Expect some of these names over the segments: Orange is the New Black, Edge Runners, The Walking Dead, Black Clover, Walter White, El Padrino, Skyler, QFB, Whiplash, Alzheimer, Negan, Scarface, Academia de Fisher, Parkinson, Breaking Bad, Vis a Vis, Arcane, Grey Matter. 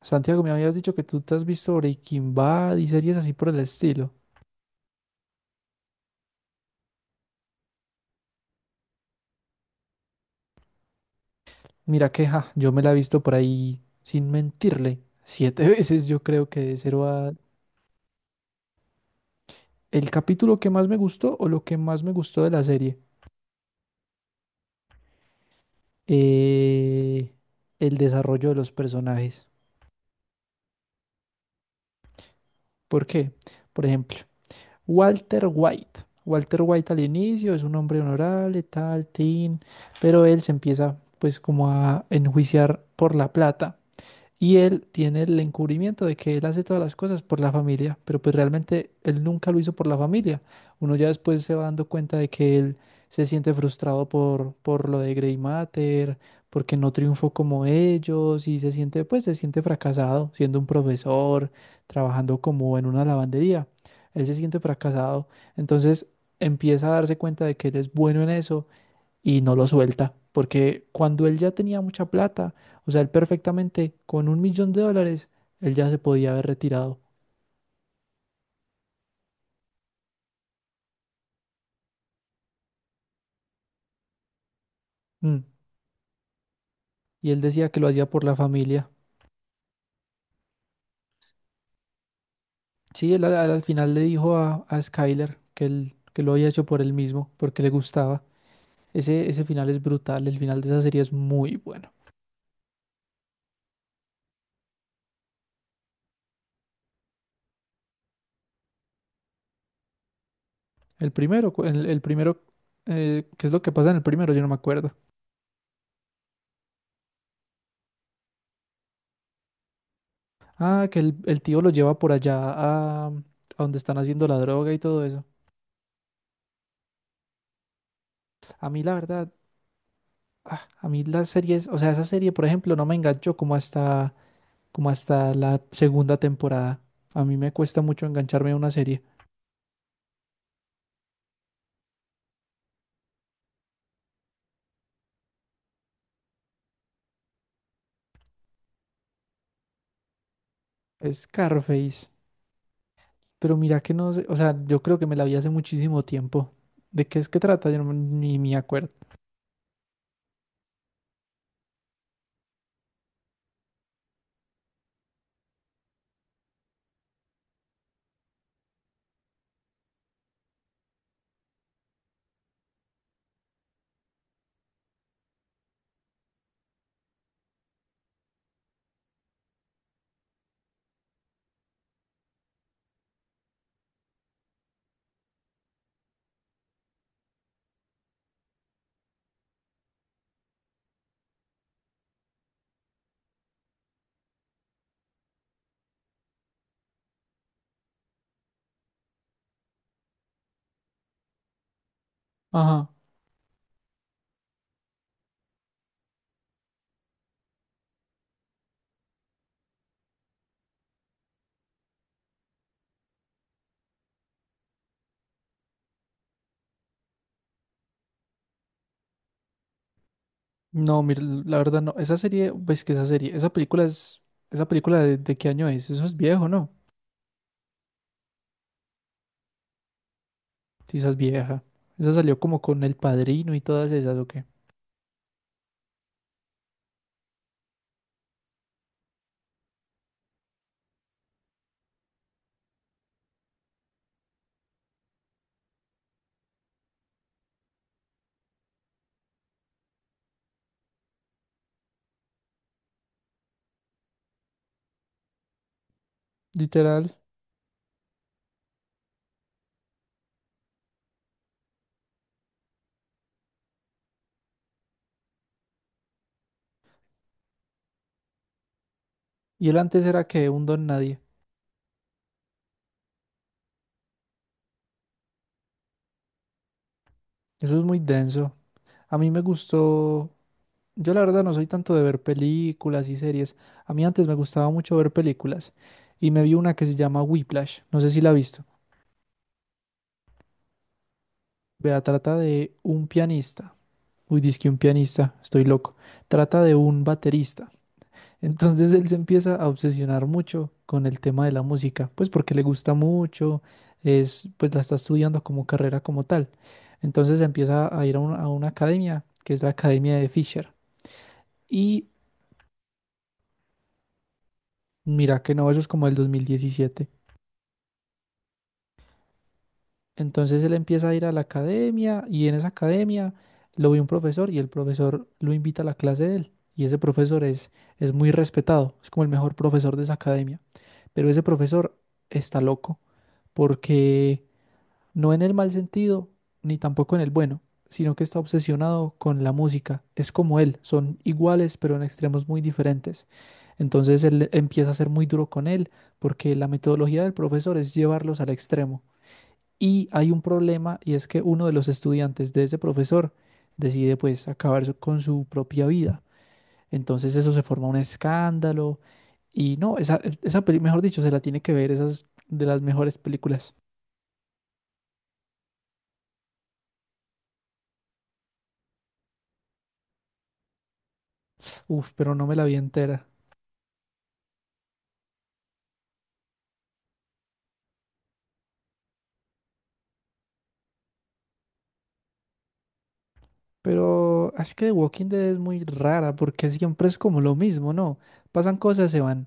Santiago, me habías dicho que tú te has visto Breaking Bad y series así por el estilo. Mira que ja, yo me la he visto por ahí, sin mentirle, siete veces yo creo que de cero a... El capítulo que más me gustó o lo que más me gustó de la serie, eh, el desarrollo de los personajes. ¿Por qué? Por ejemplo, Walter White. Walter White al inicio es un hombre honorable, tal, tin, pero él se empieza pues como a enjuiciar por la plata. Y él tiene el encubrimiento de que él hace todas las cosas por la familia, pero pues realmente él nunca lo hizo por la familia. Uno ya después se va dando cuenta de que él se siente frustrado por lo de Grey Matter, porque no triunfó como ellos y se siente, pues se siente fracasado siendo un profesor, trabajando como en una lavandería. Él se siente fracasado, entonces empieza a darse cuenta de que él es bueno en eso y no lo suelta, porque cuando él ya tenía mucha plata, o sea, él perfectamente con un millón de dólares, él ya se podía haber retirado. Mm. Y él decía que lo hacía por la familia. Sí, él al final le dijo a Skyler que, él, que lo había hecho por él mismo, porque le gustaba. Ese final es brutal, el final de esa serie es muy bueno. El primero, el primero, ¿qué es lo que pasa en el primero? Yo no me acuerdo. Ah, que el tío lo lleva por allá a donde están haciendo la droga y todo eso. A mí la verdad, a mí las series, o sea, esa serie, por ejemplo, no me enganchó como hasta la segunda temporada. A mí me cuesta mucho engancharme a una serie. Scarface. Pero mira que no sé, o sea, yo creo que me la vi hace muchísimo tiempo. ¿De qué es que trata? Yo no, ni me acuerdo. Ajá. No, mira, la verdad no. Esa serie, pues que esa serie, esa película es, esa película de qué año es? Eso es viejo, ¿no? Sí, esa es vieja. Esa salió como con El Padrino y todas esas, ¿o qué? Literal. Y él antes era que un don nadie. Eso es muy denso. A mí me gustó, yo la verdad no soy tanto de ver películas y series. A mí antes me gustaba mucho ver películas y me vi una que se llama Whiplash. No sé si la has visto. Vea, trata de un pianista. Uy, dizque un pianista, estoy loco. Trata de un baterista. Entonces él se empieza a obsesionar mucho con el tema de la música, pues porque le gusta mucho, es, pues la está estudiando como carrera como tal. Entonces empieza a ir a una academia, que es la Academia de Fisher. Y mira que no, eso es como el 2017. Entonces él empieza a ir a la academia y en esa academia lo ve un profesor y el profesor lo invita a la clase de él. Y ese profesor es muy respetado, es como el mejor profesor de esa academia. Pero ese profesor está loco porque no en el mal sentido, ni tampoco en el bueno, sino que está obsesionado con la música. Es como él, son iguales, pero en extremos muy diferentes. Entonces él empieza a ser muy duro con él, porque la metodología del profesor es llevarlos al extremo. Y hay un problema, y es que uno de los estudiantes de ese profesor decide pues acabar su- con su propia vida. Entonces eso se forma un escándalo. Y no, esa peli, mejor dicho, se la tiene que ver, esas de las mejores películas. Uf, pero no me la vi entera. Pero es que The Walking Dead es muy rara porque siempre es como lo mismo, ¿no? Pasan cosas, se van,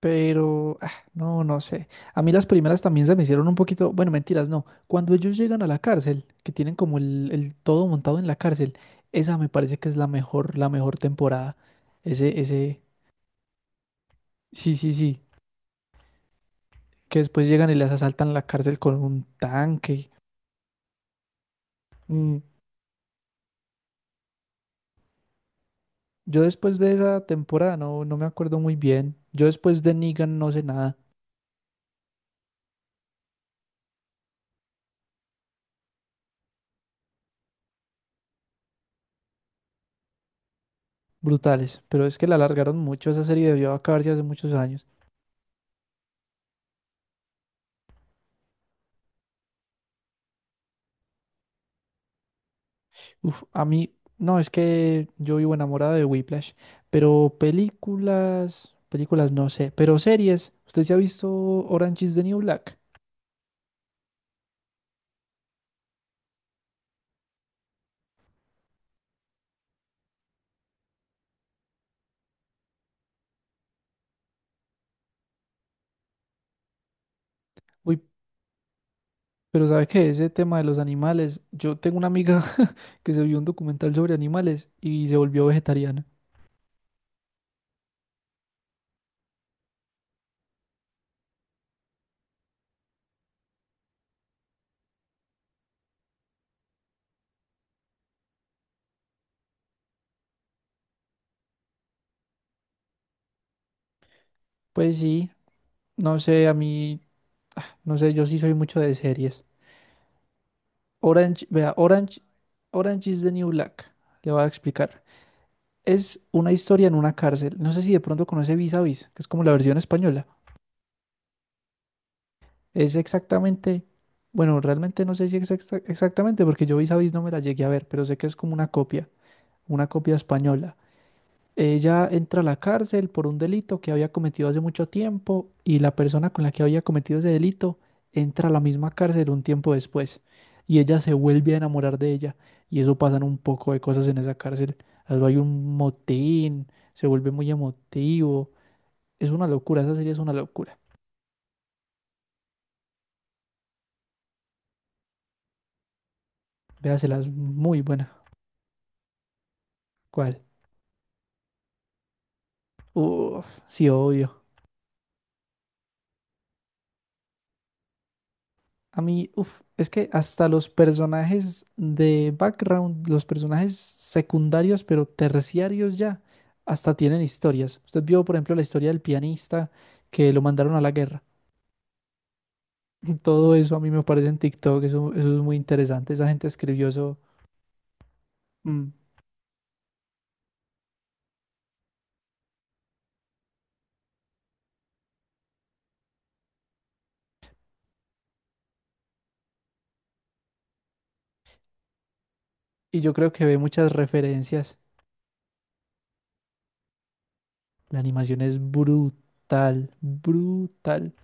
pero ah, no, no sé. A mí las primeras también se me hicieron un poquito, bueno, mentiras, no. Cuando ellos llegan a la cárcel, que tienen como el todo montado en la cárcel, esa me parece que es la mejor temporada. Ese, ese, sí, sí, sí, que después llegan y les asaltan la cárcel con un tanque. Mm. Yo después de esa temporada no, no me acuerdo muy bien. Yo después de Negan no sé nada. Brutales, pero es que la alargaron mucho, esa serie debió acabarse hace muchos años. Uf, a mí, no, es que yo vivo enamorado de Whiplash, pero películas, películas no sé, pero series, ¿usted ya ha visto Orange is the New Black? Uy, pero ¿sabe qué? Ese tema de los animales, yo tengo una amiga que se vio un documental sobre animales y se volvió vegetariana. Pues sí, no sé, a mí, no sé, yo sí soy mucho de series. Orange, vea, Orange, Orange is the New Black, le voy a explicar. Es una historia en una cárcel. No sé si de pronto conoce Vis a Vis, que es como la versión española. Es exactamente, bueno, realmente no sé si es exacta- exactamente, porque yo Vis a Vis no me la llegué a ver, pero sé que es como una copia. Una copia española. Ella entra a la cárcel por un delito que había cometido hace mucho tiempo y la persona con la que había cometido ese delito entra a la misma cárcel un tiempo después y ella se vuelve a enamorar de ella y eso pasan un poco de cosas en esa cárcel. Algo hay un motín, se vuelve muy emotivo. Es una locura, esa serie es una locura. Véasela, es muy buena. ¿Cuál? Uf, sí, obvio. A mí, uf, es que hasta los personajes de background, los personajes secundarios, pero terciarios ya, hasta tienen historias. Usted vio, por ejemplo, la historia del pianista que lo mandaron a la guerra. Todo eso a mí me parece en TikTok, eso es muy interesante. Esa gente escribió eso. Mm. Y yo creo que ve muchas referencias. La animación es brutal, brutal.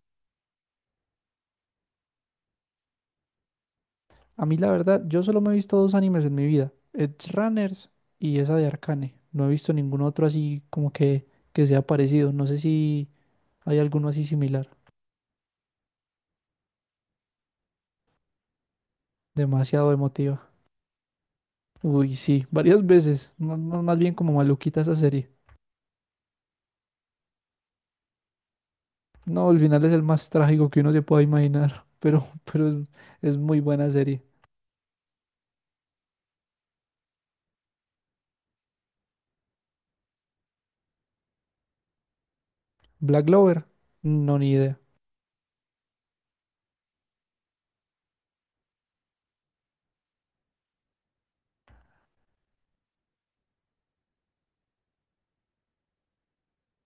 A mí la verdad, yo solo me he visto dos animes en mi vida, Edge Runners y esa de Arcane. No he visto ningún otro así como que sea parecido. No sé si hay alguno así similar. Demasiado emotiva. Uy, sí, varias veces. No- no, más bien como maluquita esa serie. No, el final es el más trágico que uno se pueda imaginar, pero es muy buena serie. Black Clover, no, ni idea.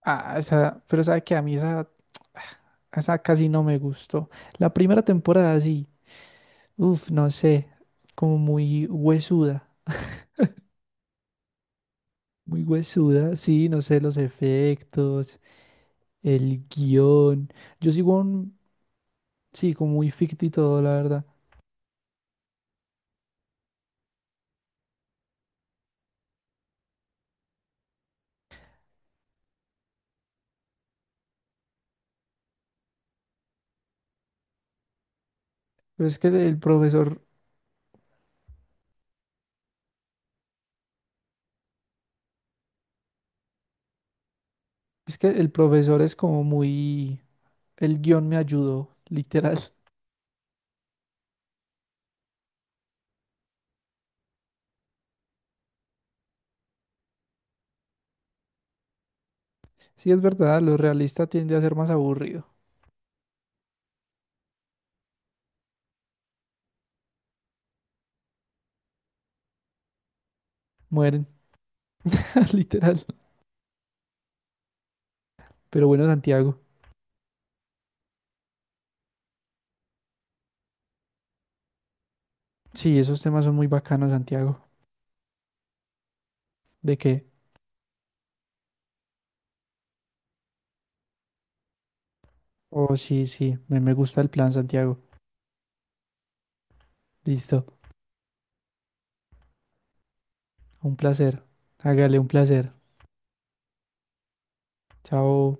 Ah, esa, pero sabe que a mí esa, esa casi no me gustó. La primera temporada sí. Uf, no sé, como muy huesuda, sí, no sé, los efectos, el guión. Yo sigo un, sí, como muy ficti todo, la verdad. Pero es que el profesor, es que el profesor es como muy, el guión me ayudó, literal. Sí, es verdad, lo realista tiende a ser más aburrido. Mueren, literal. Pero bueno, Santiago, sí, esos temas son muy bacanos, Santiago. ¿De qué? Oh, sí, sí, me gusta el plan, Santiago. Listo. Un placer. Hágale un placer. Chao.